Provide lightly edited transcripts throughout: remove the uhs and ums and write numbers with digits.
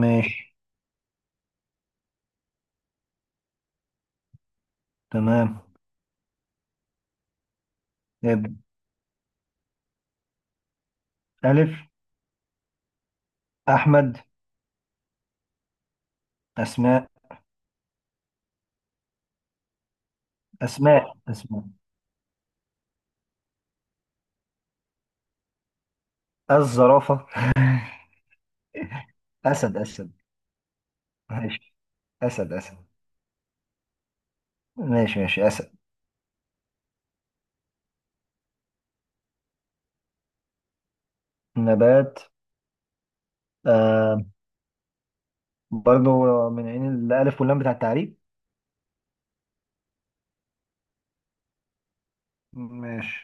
ماشي. تمام، ابدأ. ألف. أحمد. أسماء. أسماء. الزرافة. أسد. ماشي. أسد أسد ماشي ماشي أسد. نبات، آه برضو من عين الألف واللام بتاع التعريب. ماشي.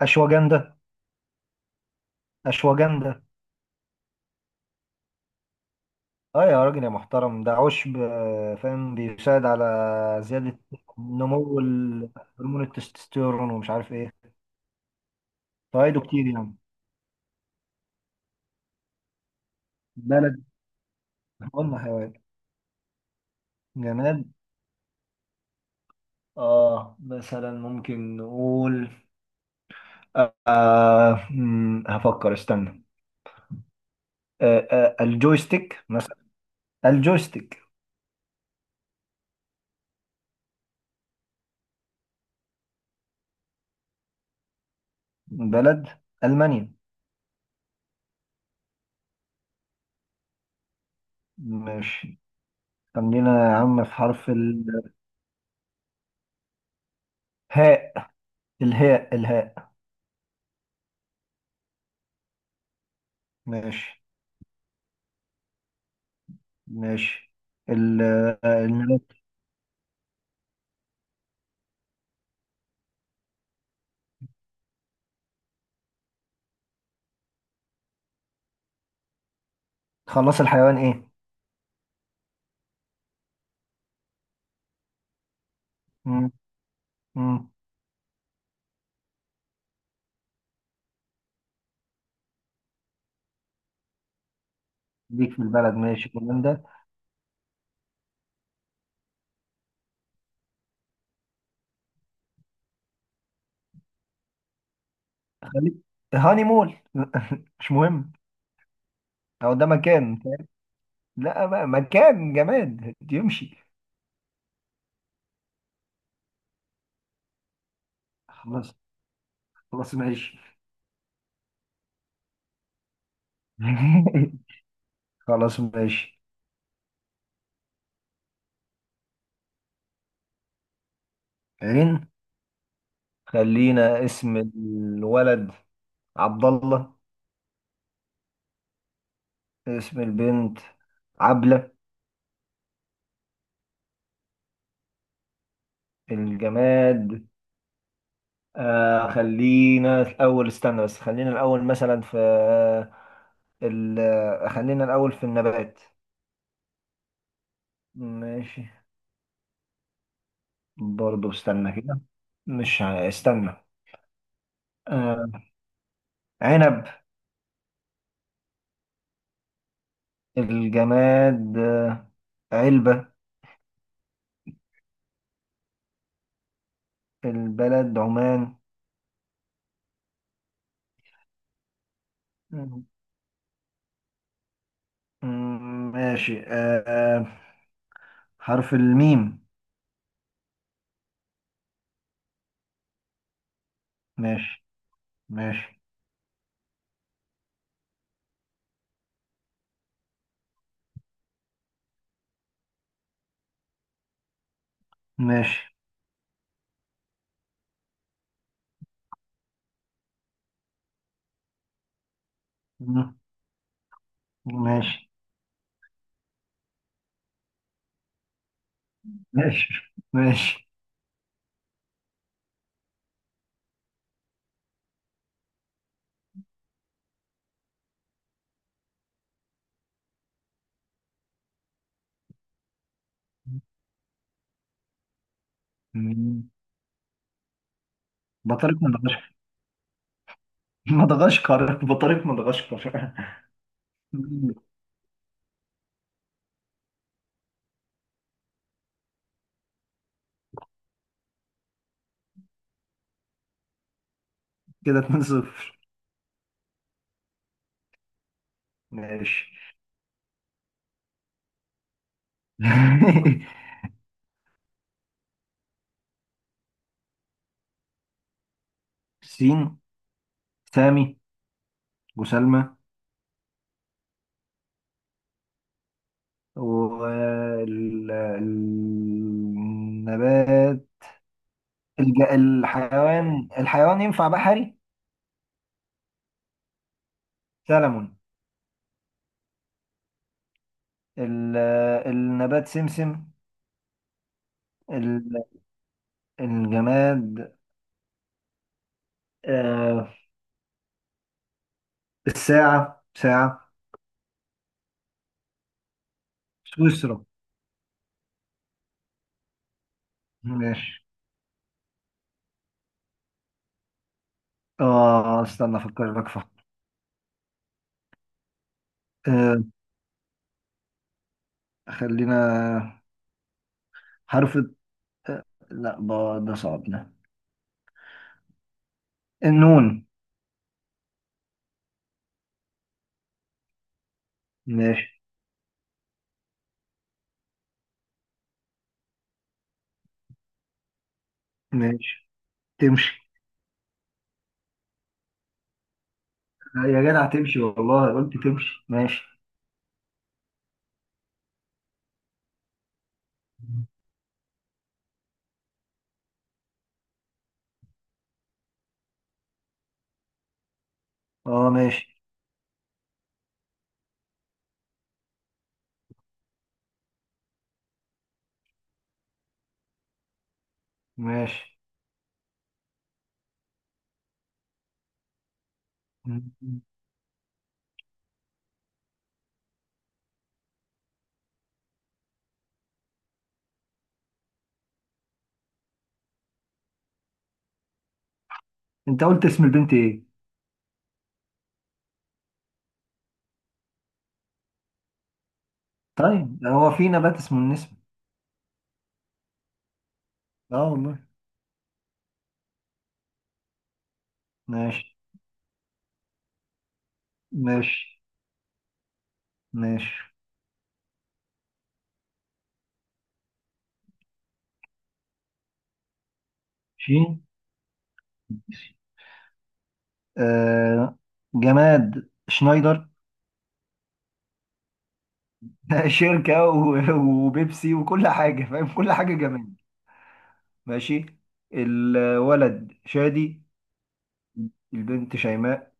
أشواجندة أشواجندة. اه يا راجل يا محترم، ده عشب، فاهم، بيساعد على زيادة نمو هرمون التستوستيرون ومش عارف ايه، فوائده كتير يعني. بلد؟ قلنا حيوان. جماد، اه مثلا ممكن نقول هفكر، استنى. آه، الجويستيك مثلا، الجويستيك. بلد ألمانيا. ماشي. خلينا يا عم في حرف الهاء. الهاء. ماشي ماشي. ال- النبات. خلص، الحيوان ايه؟ مم، مم. ليك في البلد، ماشي كمان ده. خليك. هاني مول مش مهم. هو ده مكان؟ لا بقى، مكان جماد يمشي؟ خلاص. خلاص ماشي. خلاص ماشي. عين. خلينا اسم الولد عبد الله. اسم البنت عبلة. الجماد؟ آه خلينا الأول، استنى بس، خلينا الأول مثلا في ال خلينا الأول في النبات. ماشي. برضه استنى كده، مش ع- استنى. آه، عنب. الجماد، علبة. البلد عمان. مم. ماشي. حرف الميم. ماشي. ماشي. ماشي. مم، ماشي. ماشي. ماشي. مم. بطريق مدغشقر. مدغشقر، بطريق مدغشقر. مم. كده 2 0. ماشي. سين. سامي وسلمى. والنبات؟ الحيوان، الحيوان ينفع بحري؟ سلمون. ال- النبات سمسم. ال- الجماد، آه الساعة، ساعة. سويسرا. ماشي. اه استنى افكر لك فقط. آه خلينا حرف آه لا ده صعب ده. النون. ماشي. ماشي، تمشي. يا جدع تمشي والله، قلت تمشي. ماشي. اه ماشي. ماشي. انت قلت اسم البنت ايه؟ طيب هو في نبات اسمه النسم؟ اه والله. ماشي. ماشي. ماشي. شين. آه، جماد شنايدر. شركة، وبيبسي وكل حاجة، فاهم كل حاجة جماد. ماشي. الولد شادي. البنت شيماء.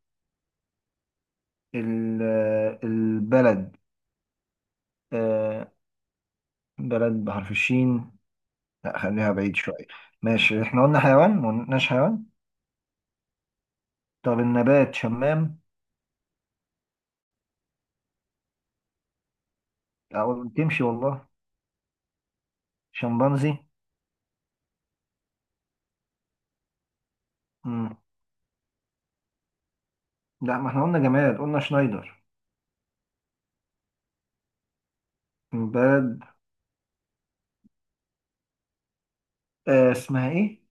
ال- البلد، آه بلد بحرف الشين، لا خليها بعيد شوية. ماشي، احنا قلنا حيوان؟ ما قلناش حيوان. طب النبات شمام. أو تمشي والله. شمبانزي. مم. لا ما احنا قلنا جماد، قلنا شنايدر. البلد، آه، اسمها ايه؟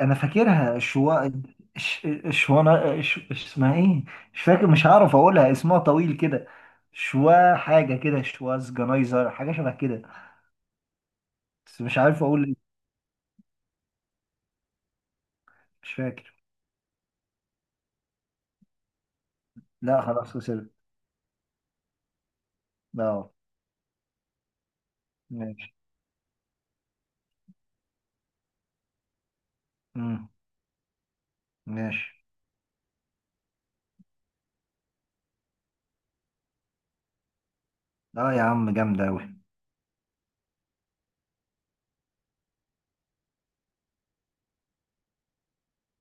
انا فاكرها شوا، شوانا، اسمها ايه، مش فاكر، مش هعرف اقولها، اسمها طويل كده. شوا حاجه كده، شواز جنايزر، حاجه شبه كده، بس مش عارف اقول إيه. مش فاكر. لا خلاص وصلت. اه. ماشي. امم، ماشي. اه يا عم جامده اوي.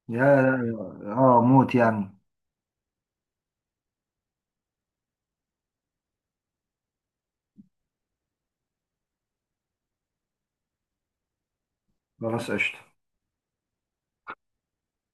يا اه موت يعني. خلاص قشطه.